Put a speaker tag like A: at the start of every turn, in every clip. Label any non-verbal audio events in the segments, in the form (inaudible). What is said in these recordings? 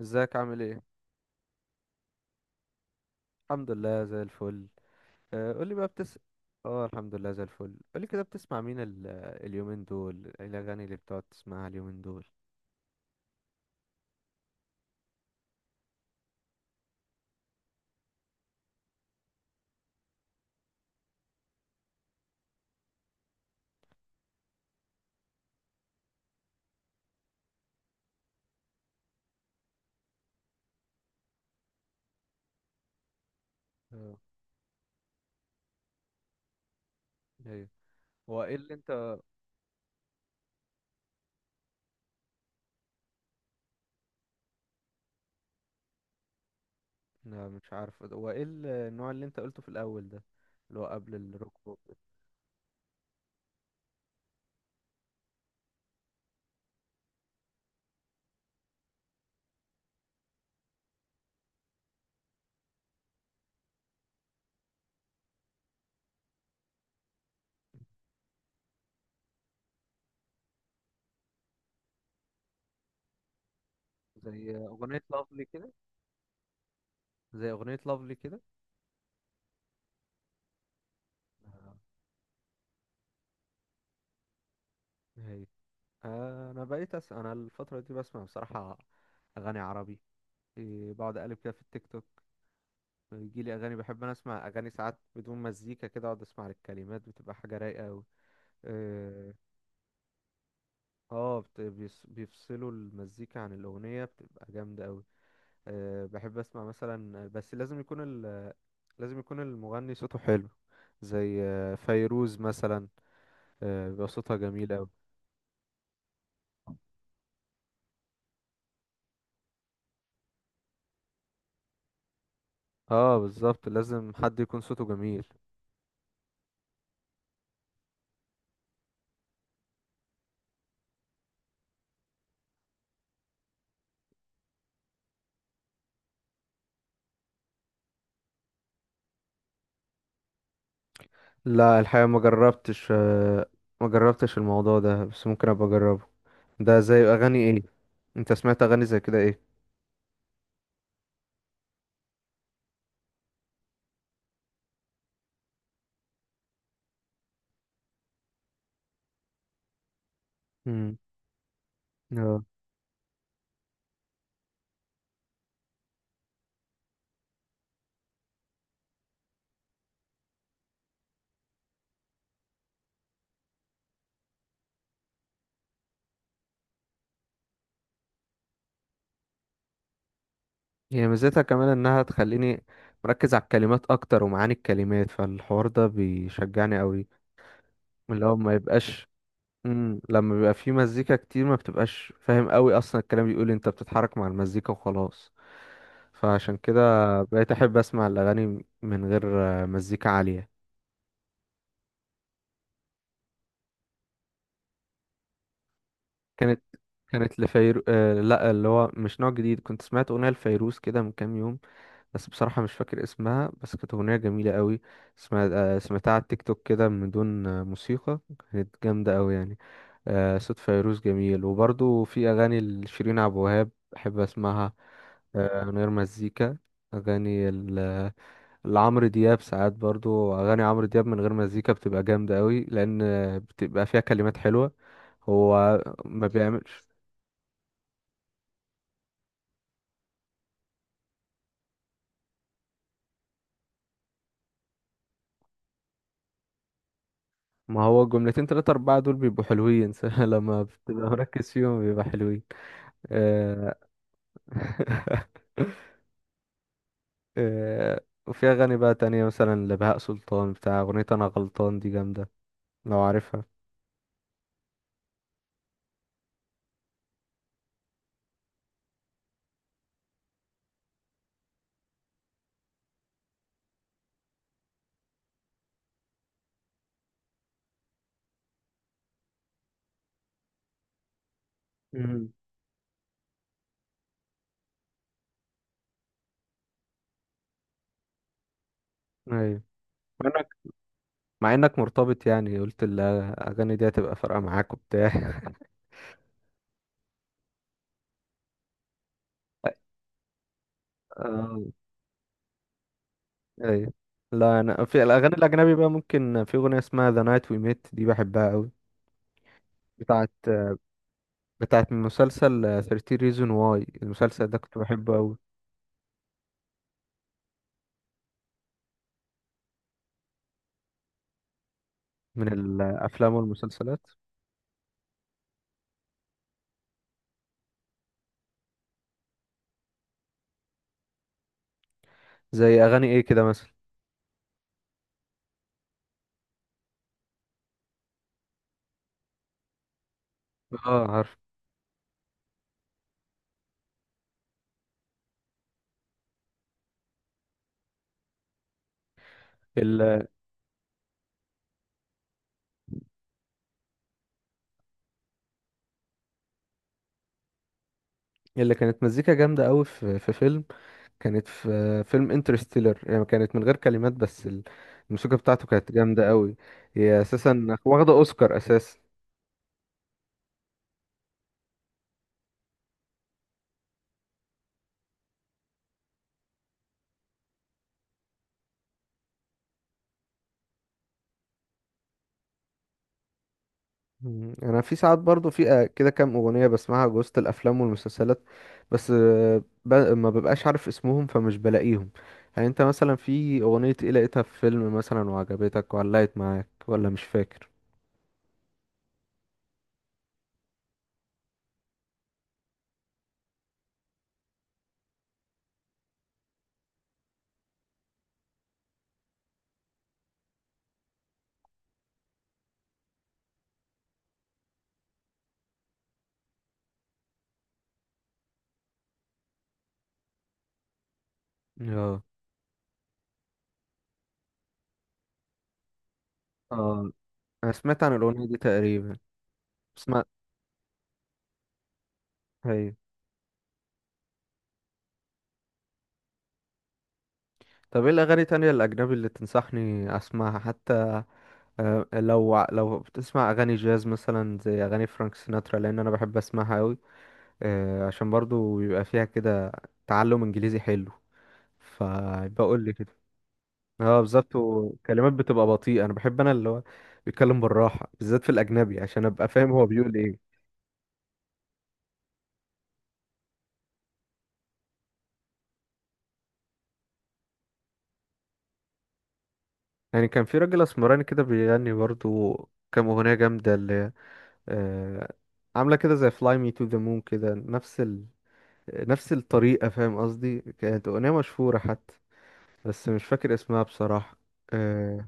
A: ازيك عامل ايه؟ الحمد لله زي الفل. قولي بقى بتس. اه الحمد لله زي الفل. قولي كده، بتسمع مين اليومين دول ايه الاغاني اللي بتقعد تسمعها اليومين دول؟ اه، ايوه. هو ايه اللي انت؟ لا مش عارف هو ايه النوع اللي انت قلته في الاول ده؟ اللي هو قبل الروك بوب ده؟ زي اغنية لافلي كده. زي اغنية لافلي كده. آه، ايوه. آه، انا بقيت أس... انا الفترة دي بسمع بصراحة اغاني عربي. إيه، بقعد اقلب كده في التيك توك، بيجي لي اغاني. بحب اسمع اغاني ساعات بدون مزيكا، كده اقعد اسمع الكلمات، بتبقى حاجه رايقه قوي. اه، بيفصلوا المزيكا عن الاغنيه، بتبقى جامده قوي. أه بحب اسمع مثلا، بس لازم يكون لازم يكون المغني صوته حلو، زي فيروز مثلا. بيبقى صوتها جميل قوي. اه بالظبط، لازم حد يكون صوته جميل. لا الحقيقه ما جربتش، ما جربتش الموضوع ده، بس ممكن ابقى اجربه. ده زي اغاني ايه؟ انت سمعت اغاني زي كده؟ ايه؟ اه. هي ميزتها كمان انها تخليني مركز على الكلمات اكتر ومعاني الكلمات، فالحوار ده بيشجعني قوي. من لو ما يبقاش. لما بيبقى في مزيكا كتير ما بتبقاش فاهم قوي اصلا الكلام بيقول إيه، انت بتتحرك مع المزيكا وخلاص. فعشان كده بقيت احب اسمع الاغاني من غير مزيكا عالية. كانت، كانت لفيرو آه لا اللي هو مش نوع جديد، كنت سمعت اغنية لفيروز كده من كام يوم، بس بصراحة مش فاكر اسمها. بس كانت أغنية جميلة قوي. اسمها سمعتها على التيك توك كده من دون موسيقى. كانت جامدة قوي يعني. صوت فيروز جميل، وبرضو في أغاني لشيرين عبد الوهاب بحب أسمعها، من غير مزيكا. أغاني ال- لعمرو دياب ساعات، برضو أغاني عمرو دياب من غير مزيكا بتبقى جامدة قوي، لأن بتبقى فيها كلمات حلوة. هو ما بيعملش. ما هو جملتين تلاتة أربعة دول بيبقوا حلوين (laughs) لما بتبقى مركز فيهم بيبقى حلوين. آه، (laughs) آه، وفي أغاني بقى تانية مثلا لبهاء سلطان بتاع أغنية أنا غلطان دي جامدة، لو عارفها. مم. أيوة. مع إنك، مع إنك مرتبط يعني، قلت الأغاني دي هتبقى فارقة معاك وبتاع (laughs) آه، أيوة. لا أنا في الأغاني الأجنبي بقى، ممكن في أغنية اسمها The Night We Met دي بحبها أوي. بتاعت بتاعت من مسلسل 13 Reason Why، المسلسل ده كنت بحبه أوي. من الأفلام والمسلسلات. زي أغاني إيه كده مثلا؟ اه عارف. اللي كانت مزيكا جامدة قوي في، فيلم، كانت في فيلم انترستيلر، يعني كانت من غير كلمات، بس الموسيقى بتاعته كانت جامدة قوي. هي اساسا واخدة اوسكار اساسا. مم. انا في ساعات برضو في كده كام اغنية بسمعها وسط الافلام والمسلسلات، بس ما ببقاش عارف اسمهم فمش بلاقيهم. يعني انت مثلا في اغنية ايه لقيتها في فيلم مثلا وعجبتك وعلقت معاك، ولا مش فاكر؟ اه. اه انا سمعت عن الاغنية دي تقريبا. سمعت. طب ايه الاغاني تانية الاجنبي اللي تنصحني اسمعها حتى؟ لو بتسمع اغاني جاز مثلا زي اغاني فرانك سيناترا، لان انا بحب اسمعها قوي، عشان برضو بيبقى فيها كده تعلم انجليزي حلو، فبقول لي كده. اه بالظبط، وكلمات بتبقى بطيئة. انا بحب اللي هو بيتكلم بالراحة، بالذات في الاجنبي، عشان ابقى فاهم هو بيقول ايه. يعني كان في راجل اسمراني كده بيغني برضو كام اغنية جامدة اللي آه، عاملة كده زي Fly Me to the Moon كده، نفس الطريقة، فاهم قصدي؟ كانت أغنية مشهورة حتى، بس مش فاكر اسمها بصراحة. آه...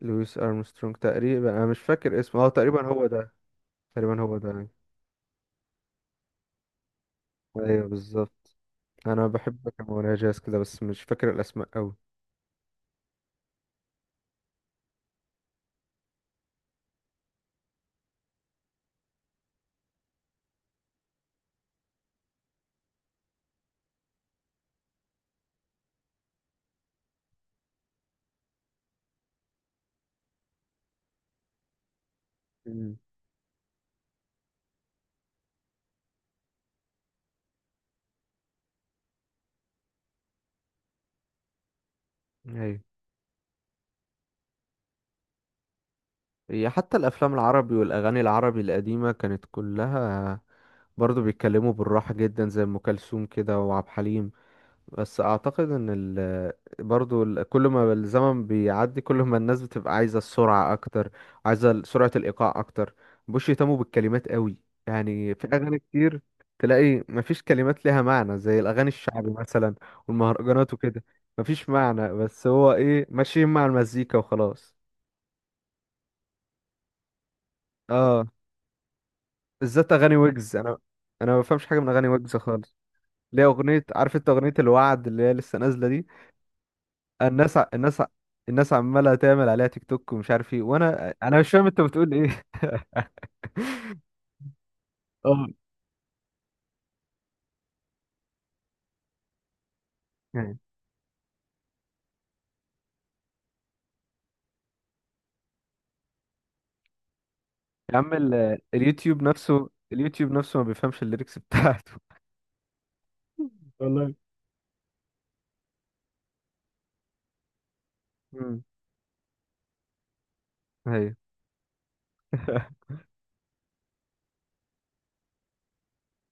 A: لويس أرمسترونج، تقريبا أنا مش فاكر اسمه، اه تقريبا هو ده. تقريبا هو ده يعني. أيوه بالظبط. أنا بحب كام أغنية جاز كده، بس مش فاكر الأسماء أوي. مم. أيوه. هي حتى الأفلام العربي والأغاني العربي القديمة كانت كلها برضه بيتكلموا بالراحة جدا، زي أم كلثوم كده وعبد الحليم. بس اعتقد ان ال... برضو كل ما الزمن بيعدي كل ما الناس بتبقى عايزه السرعه اكتر، عايزه سرعه الايقاع اكتر، مبقوش يهتموا بالكلمات قوي. يعني في اغاني كتير تلاقي مفيش كلمات ليها معنى، زي الاغاني الشعبي مثلا والمهرجانات وكده، مفيش معنى، بس هو ايه، ماشيين مع المزيكا وخلاص. اه بالذات اغاني ويجز، انا ما بفهمش حاجه من اغاني ويجز خالص. ليه؟ اغنيه، عارف انت اغنيه الوعد اللي هي لسه نازله دي؟ الناس ع- الناس ع- الناس عماله تعمل عليها تيك توك ومش عارف ايه، وانا مش فاهم انت بتقول ايه. (laughs) اه. يعني يا عم اليوتيوب نفسه، اليوتيوب نفسه ما بيفهمش الليركس بتاعته. والله. امم. ايوه.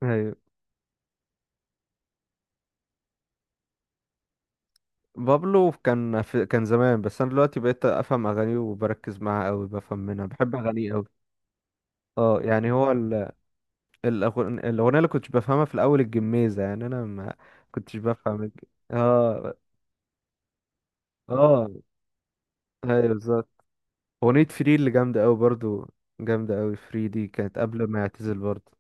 A: ايوه. (laughs) بابلو كان في، كان زمان، بس انا دلوقتي بقيت افهم اغانيه وبركز معاها قوي، بفهم منها، بحب اغانيه قوي. اه، يعني هو الأغن- الاغنيه اللي كنتش بفهمها في الاول الجميزه، يعني انا ما كنتش بفهم اه. اه. ايوه بالظبط. أغنية فري اللي جامدة أوي برضو، جامدة أوي. فري دي كانت قبل ما يعتزل برضو.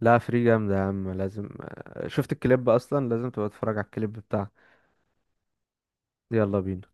A: لا فري جامدة يا عم، لازم شفت الكليب، أصلا لازم تبقى تتفرج على الكليب بتاع. يلا بينا.